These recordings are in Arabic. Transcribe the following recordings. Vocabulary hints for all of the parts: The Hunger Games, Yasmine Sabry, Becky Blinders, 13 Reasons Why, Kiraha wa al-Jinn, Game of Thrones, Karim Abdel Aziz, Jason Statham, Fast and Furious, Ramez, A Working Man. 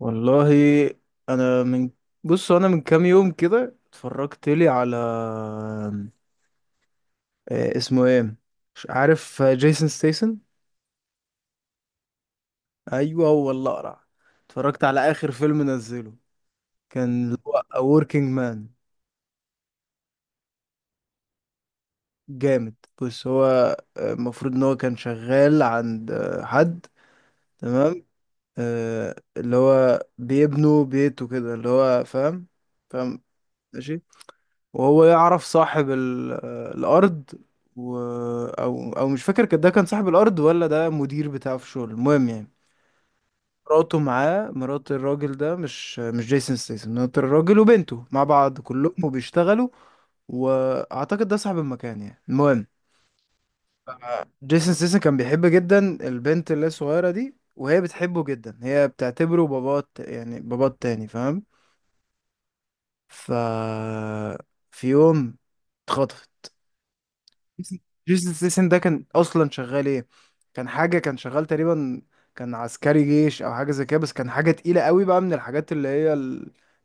والله، انا من بص، انا من كام يوم كده اتفرجت لي على اسمه ايه، مش عارف. جيسون ستيسن. ايوه هو اللي اقرع. اتفرجت على اخر فيلم نزله، كان اللي هو A Working Man. جامد. بص هو، المفروض ان هو كان شغال عند حد. تمام. اللي هو بيبنوا بيته كده، اللي هو فاهم. فاهم. ماشي. وهو يعرف صاحب الارض، و... او مش فاكر، ده كان صاحب الارض ولا ده مدير بتاعه في الشغل، المهم يعني. مراته معاه، مرات الراجل ده، مش جيسون ستيسن، مرات الراجل وبنته مع بعض كلهم وبيشتغلوا. واعتقد ده صاحب المكان يعني. المهم، جيسون ستيسن كان بيحب جدا البنت اللي هي الصغيره دي، وهي بتحبه جدا، هي بتعتبره باباه يعني باباه التاني، فاهم. ف في يوم اتخطف. جيسون ستيسن ده كان اصلا شغال ايه؟ كان حاجه، كان شغال تقريبا، كان عسكري جيش او حاجه زي كده، بس كان حاجه تقيله قوي بقى، من الحاجات اللي هي الجامدين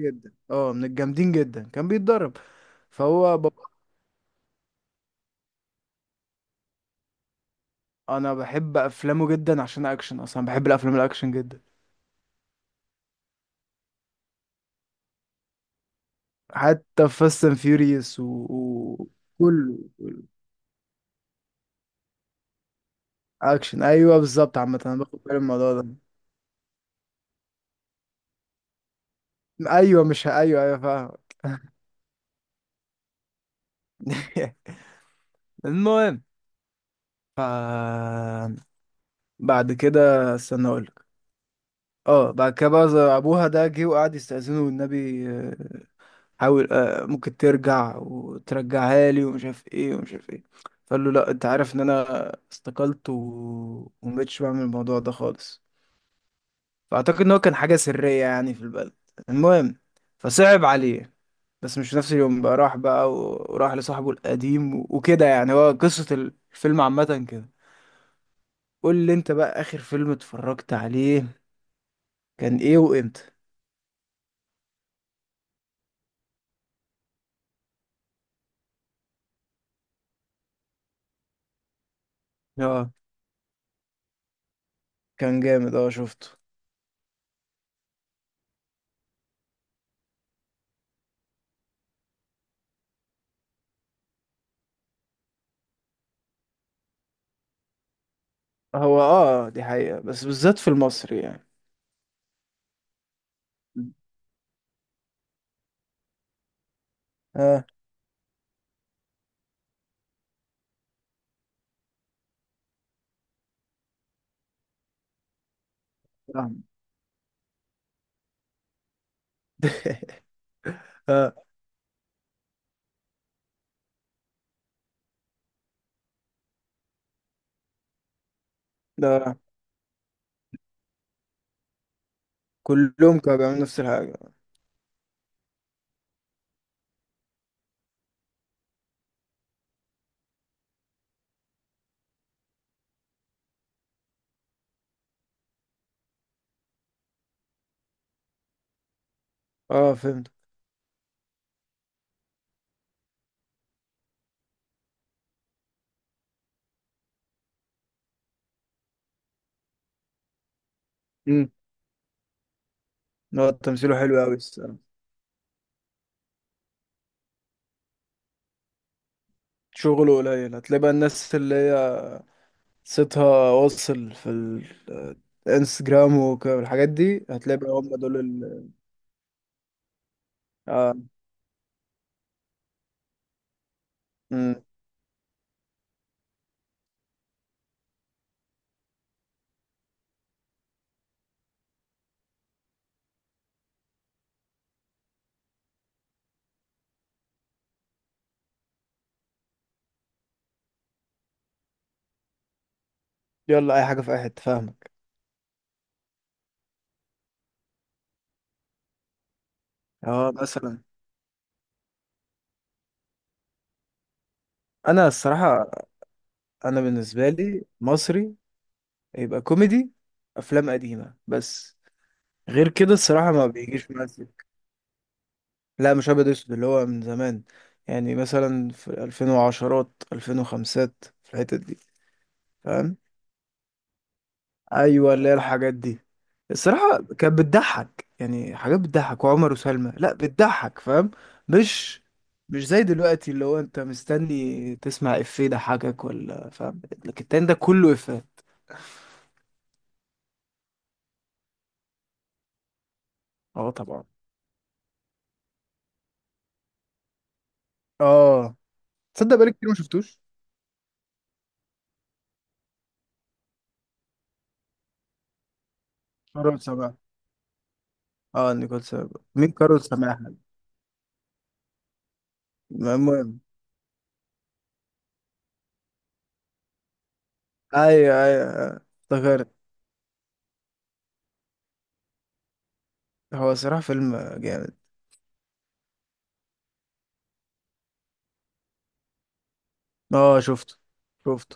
جدا. اه، من الجامدين جدا، كان بيتدرب. فهو بابا. انا بحب افلامه جدا عشان اكشن، اصلا بحب الافلام الاكشن جدا. حتى فاست اند فيوريوس كله كله اكشن. ايوه بالظبط. عامه انا باخد بالي من الموضوع ده. ايوه مش ه- ايوه ايوه، فاهم. المهم. ف بعد كده استنى اقولك. اه بعد كده بقى زي ابوها ده جه وقعد يستأذنه والنبي، حاول، ممكن ترجع وترجعها لي ومش عارف ايه ومش عارف ايه. فقال له لا، انت عارف ان انا استقلت ومبقتش بعمل الموضوع ده خالص. فاعتقد ان هو كان حاجة سرية يعني في البلد، المهم. فصعب عليه، بس مش في نفس اليوم بقى، راح بقى وراح لصاحبه القديم وكده، يعني هو قصة الفيلم عامة كده. قول لي انت بقى، اخر فيلم اتفرجت عليه كان ايه وامتى؟ اه كان جامد، اه شفته. هو اه دي حقيقة بس بالذات في المصري يعني. اه فاهم. اه ده، كلهم كانوا بيعملوا نفس الحاجة. اه فهمت. امم. هو تمثيله حلو أوي الصراحة. شغله قليل. هتلاقي بقى الناس اللي هي صيتها واصل في الانستجرام والحاجات دي، هتلاقي بقى هم دول ال. اه. امم. يلا أي حاجة في أي حتة، فاهمك. اه مثلا. أنا الصراحة، أنا بالنسبة لي مصري يبقى كوميدي، افلام قديمه بس، غير كده الصراحه ما بيجيش مزج. لا مش ابيض اسود، اللي هو من زمان، يعني مثلا في 2010، 2005، في الحتت دي. فاهم. ايوه اللي هي الحاجات دي. الصراحه كانت بتضحك، يعني حاجات بتضحك. وعمر وسلمى، لا بتضحك، فاهم. مش مش زي دلوقتي اللي هو انت مستني تسمع افيه يضحكك ولا، فاهم، لكن التاني ده كله افيه. اه طبعا. اه تصدق بقالي كتير ما شفتوش. مرة سبعة. اه نيكول سابا مين؟ كارول سماحة. المهم. ايوه ايوه، افتكرت. هو صراحة فيلم جامد. اه شفته، شفته.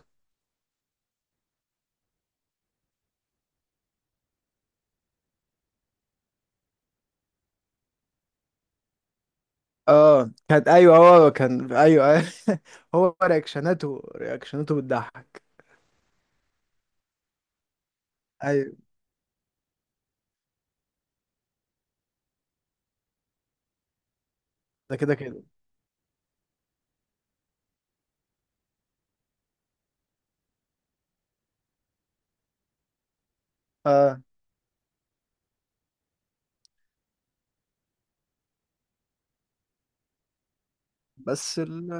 اه كانت ايوه، هو كان ايوه ايوه. هو رياكشناته، رياكشناته بتضحك. ايوه. ده كده كده. اه بس ال...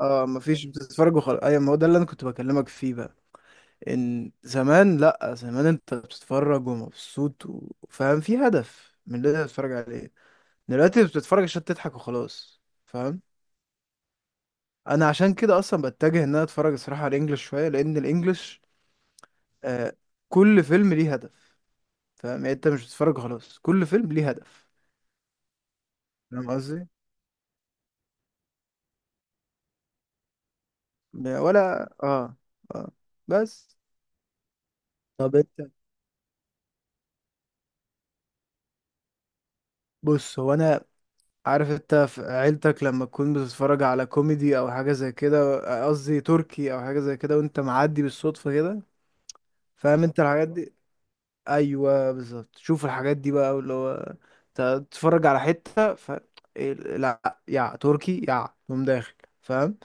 اه مفيش، بتتفرج وخلاص. ايوه، ما هو ده اللي انا كنت بكلمك فيه بقى. ان زمان، لا، زمان انت بتتفرج ومبسوط وفاهم في هدف من اللي انت بتتفرج عليه. دلوقتي بتتفرج عشان تضحك وخلاص، فاهم. انا عشان كده اصلا بتجه ان انا اتفرج الصراحه على الانجليش شويه، لان الانجليش آه كل فيلم ليه هدف. فاهم يعني، انت مش بتتفرج خلاص، كل فيلم ليه هدف. فاهم قصدي. ولا اه. اه بس. طب انت. بص هو انا، عارف انت في عيلتك لما تكون بتتفرج على كوميدي او حاجه زي كده، قصدي تركي او حاجه زي كده، وانت معدي بالصدفه كده، فاهم انت الحاجات دي. ايوه بالظبط، شوف الحاجات دي بقى اللي هو تتفرج على حته، ف لا يا تركي يا تقوم داخل، فاهم.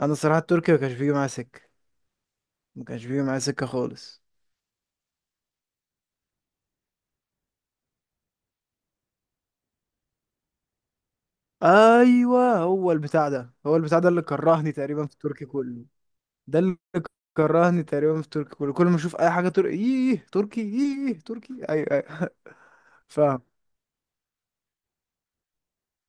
انا الصراحه التركي ما كانش بيجي معايا سكه. ما كانش بيجي معايا سكه خالص. ايوه هو البتاع ده، هو البتاع ده اللي كرهني تقريبا في التركي كله. ده اللي كرهني تقريبا في التركي كله. كل ما اشوف اي حاجه، تركي ايه، تركي ايه، تركي ايوه ايوه. فاهم.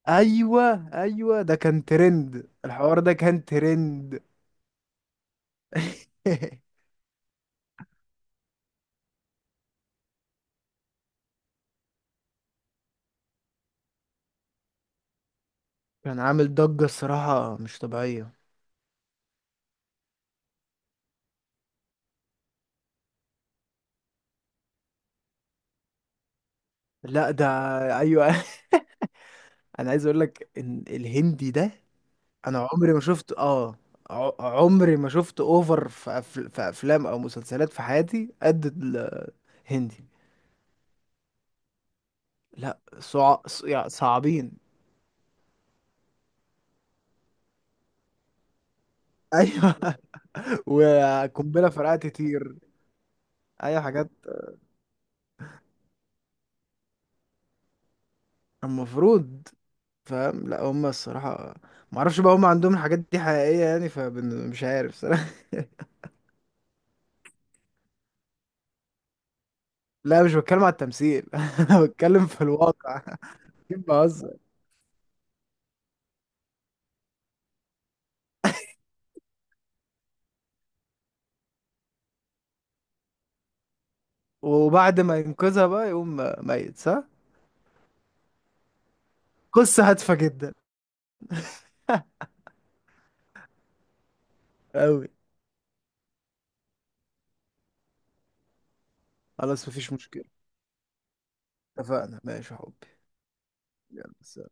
ايوه ايوه، ده كان ترند، الحوار ده كان ترند. كان عامل ضجة الصراحة مش طبيعية. لا ده. ايوه. انا عايز اقول لك ان الهندي ده، انا عمري ما شفت اه، ع- عمري ما شفت اوفر في، في افلام او مسلسلات في حياتي قد الهندي. لا يعني صعبين. ايوه. وقنبلة فرقعت تطير. اي حاجات. المفروض. فاهم. لا هم الصراحة، ما اعرفش بقى، هم عندهم الحاجات دي حقيقية يعني، فمش عارف صراحة. لا مش بتكلم على التمثيل. انا بتكلم في الواقع. بهزر. وبعد ما ينقذها بقى يقوم ميت، صح. قصة هادفة جدا. أوي. خلاص مفيش مشكلة. اتفقنا ماشي يا حبي. يلا سلام.